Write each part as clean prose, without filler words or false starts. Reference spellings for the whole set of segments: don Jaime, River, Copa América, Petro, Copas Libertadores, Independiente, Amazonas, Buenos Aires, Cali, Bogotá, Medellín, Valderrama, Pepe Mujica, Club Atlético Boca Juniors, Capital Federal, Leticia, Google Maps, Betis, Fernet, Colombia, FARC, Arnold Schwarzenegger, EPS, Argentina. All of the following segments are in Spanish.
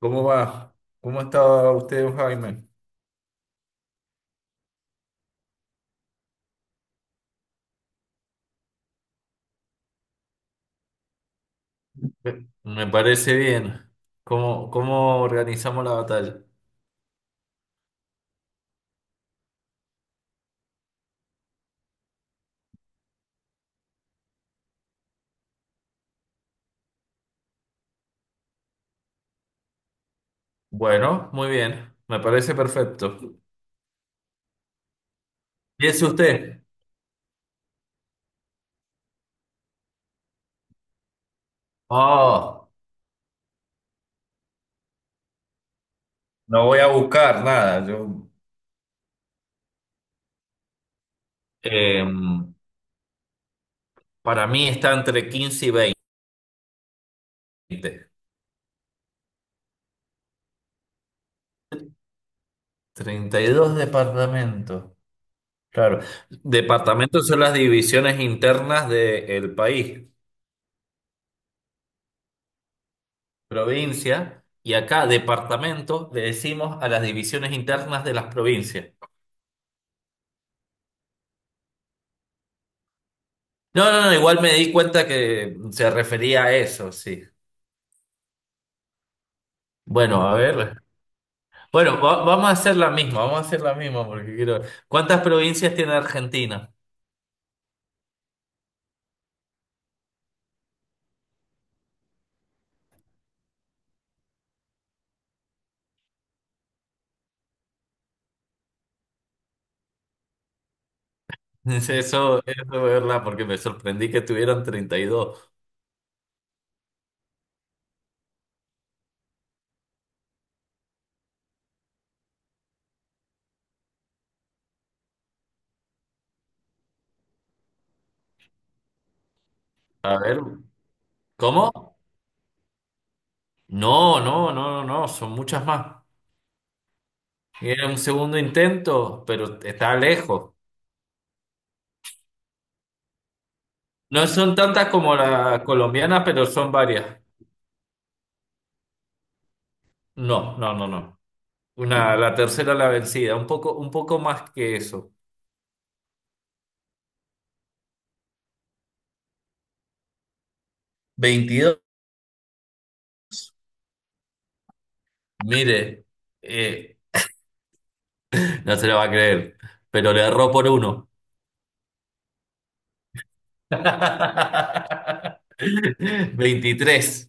¿Cómo va? ¿Cómo está usted, don Jaime? Me parece bien. ¿Cómo organizamos la batalla? Bueno, muy bien. Me parece perfecto. ¿Y es usted? Oh, no voy a buscar nada. Yo, em, para mí está entre 15 y 20. 32 departamentos. Claro. Departamentos son las divisiones internas del país. Provincia, y acá departamento le decimos a las divisiones internas de las provincias. No, no, no, igual me di cuenta que se refería a eso, sí. Bueno, a ver. Bueno, vamos a hacer la misma, vamos a hacer la misma porque quiero... ¿Cuántas provincias tiene Argentina? Eso, es verdad, porque me sorprendí que tuvieran 32. A ver, ¿cómo? No, no, no, no, no, son muchas más. Era un segundo intento, pero está lejos. No son tantas como la colombiana, pero son varias. No, no, no, no. Una, la tercera la vencida, un poco más que eso. 22. Mire, eh, no se lo va a creer, pero le erró por uno. 23,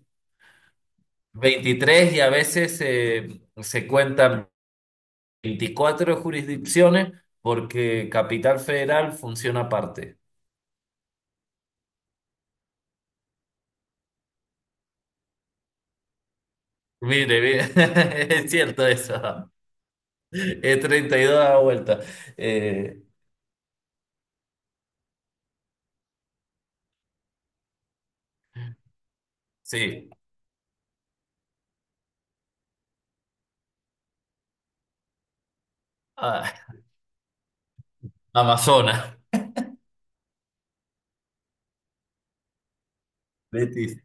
23 y a veces se cuentan 24 jurisdicciones porque Capital Federal funciona aparte. Mire, mire, es cierto eso. Es 32 a la vuelta. Eh, sí. Ah, Amazonas. Betis.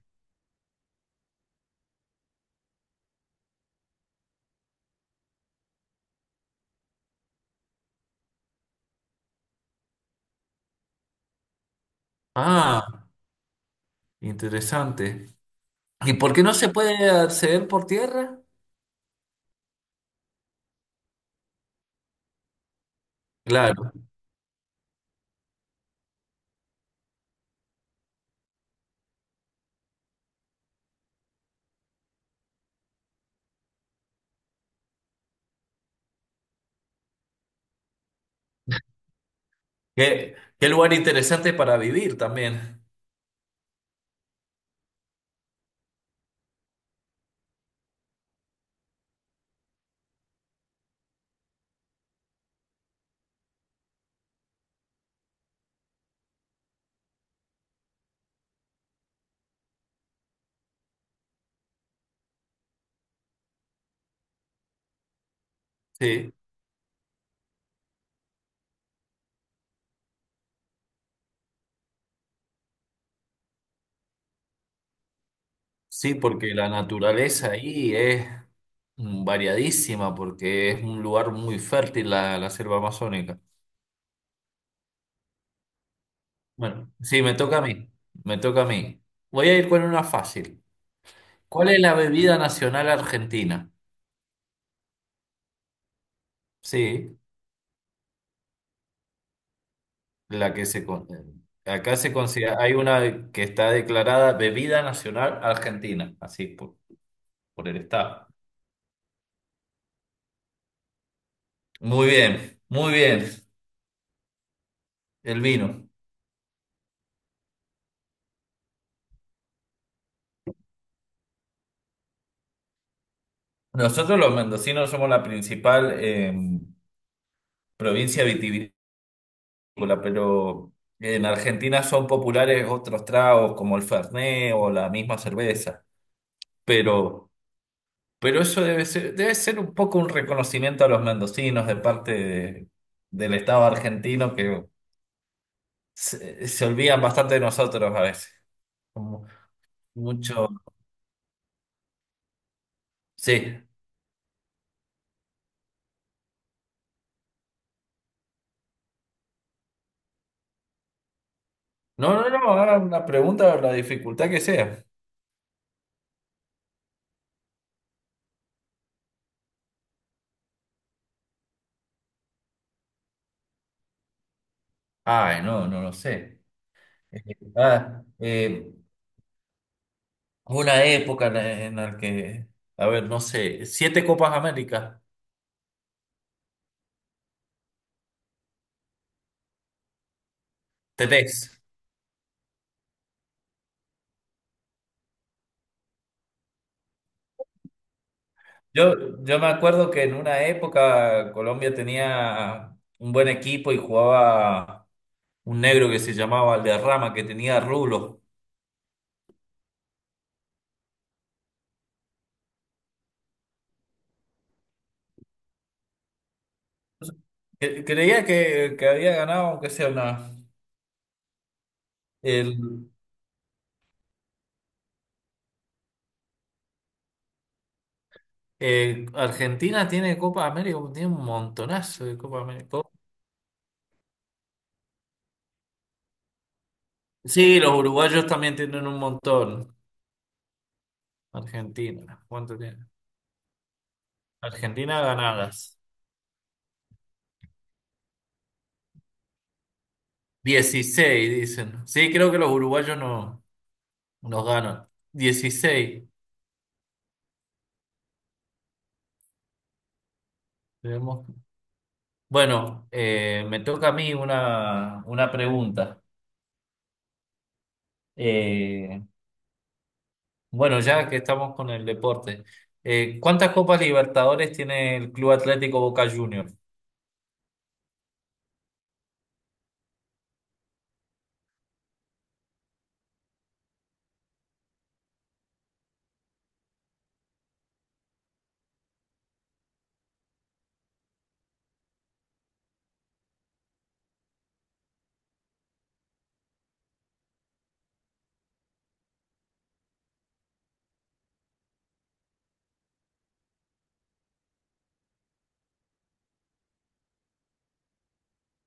Ah, interesante. ¿Y por qué no se puede acceder por tierra? Claro. Qué lugar interesante para vivir también. Sí, sí, porque la naturaleza ahí es variadísima, porque es un lugar muy fértil la selva amazónica. Bueno, sí, me toca a mí. Me toca a mí. Voy a ir con una fácil. ¿Cuál es la bebida nacional argentina? Sí, la que acá se considera, hay una que está declarada bebida nacional argentina, así por el Estado. Muy bien, el vino. Nosotros los mendocinos somos la principal provincia vitivinícola, pero en Argentina son populares otros tragos como el Fernet o la misma cerveza. Pero, pero eso debe ser, un poco un reconocimiento a los mendocinos del Estado argentino que se olvidan bastante de nosotros a veces. Como mucho. Sí. No, no, no, haga una pregunta, la dificultad que sea. Ay, no, no lo sé. Eh, ah, eh, una época en en la que, a ver, no sé, 7 Copas América tenés. Yo me acuerdo que en una época Colombia tenía un buen equipo y jugaba un negro que se llamaba Valderrama, que tenía rulos. Creía que había ganado, aunque sea una. El, Argentina tiene Copa América, tiene un montonazo de Copa América. Sí, los uruguayos también tienen un montón. Argentina, ¿cuánto tiene? Argentina ganadas. 16 dicen. Sí, creo que los uruguayos no nos ganan. 16. Tenemos- Bueno, me toca a mí una pregunta. Eh, bueno, ya que estamos con el deporte, ¿cuántas Copas Libertadores tiene el Club Atlético Boca Juniors?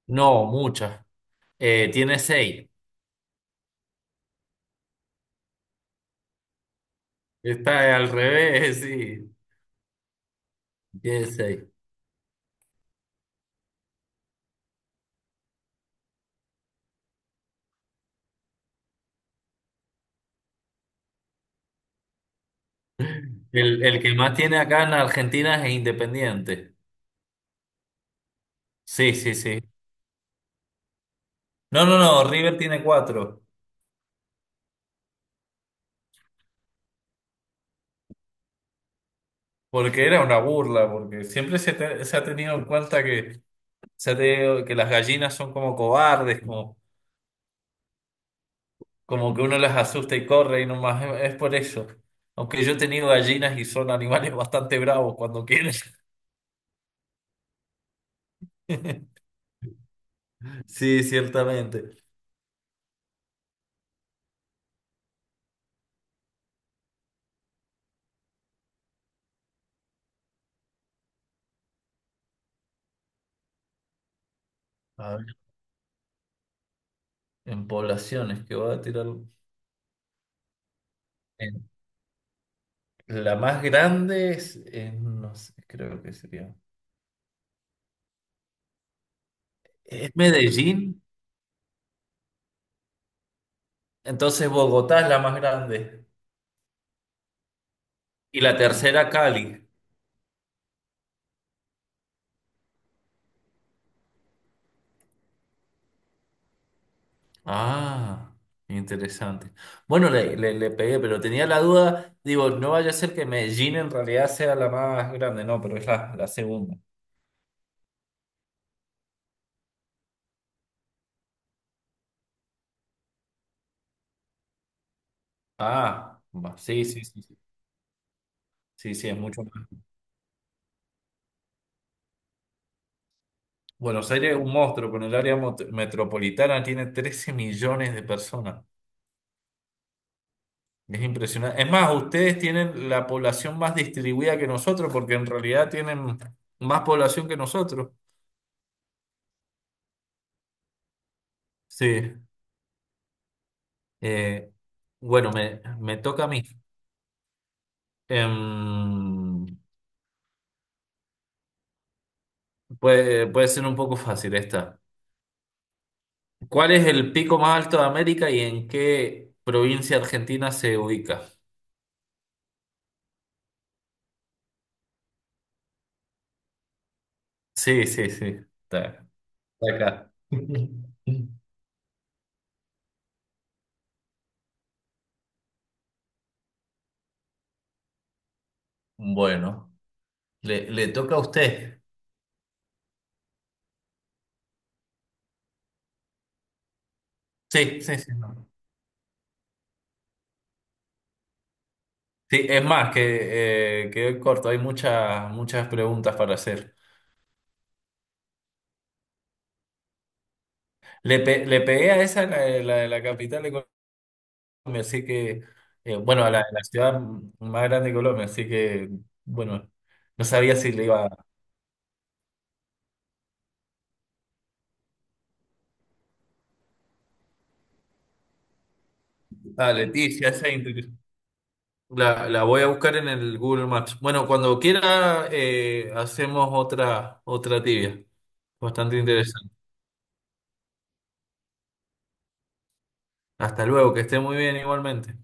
No, muchas. Tiene 6. Está al revés, sí. Tiene seis. El que más tiene acá en Argentina es Independiente. Sí, sí, sí. No, no, no, River tiene 4. Porque era una burla, porque siempre se ha tenido en cuenta que, se ha tenido- que las gallinas son como cobardes, como que uno las asusta y corre y nomás es por eso. Aunque yo he tenido gallinas y son animales bastante bravos cuando quieren. Sí, ciertamente. En poblaciones que voy a tirar. en- la más grande no sé, creo que sería. Es Medellín, entonces Bogotá es la más grande. Y la tercera, Cali. Ah, interesante. Bueno, le pegué, pero tenía la duda, digo, no vaya a ser que Medellín en realidad sea la más grande, no, pero es la segunda. Ah, va, sí, sí, sí, sí, sí, sí, es mucho más. Buenos Aires es un monstruo, con el área metropolitana tiene 13 millones de personas. Es impresionante. Es más, ustedes tienen la población más distribuida que nosotros, porque en realidad tienen más población que nosotros. Sí. Eh, bueno, me toca a mí. Em, puede ser un poco fácil esta. ¿Cuál es el pico más alto de América y en qué provincia argentina se ubica? Sí, sí, sí. Está, está acá. Bueno, le toca a usted. Sí, sí, sí. Sí, es más, que corto, hay muchas, muchas preguntas para hacer. Le pegué a esa, la, de la de la capital de Colombia, así que, bueno, a la ciudad más grande de Colombia, así que, bueno, no sabía si le iba a... Ah, Leticia, esa la voy a buscar en el Google Maps. Bueno, cuando quiera, hacemos otra tibia, bastante interesante. Hasta luego, que esté muy bien igualmente.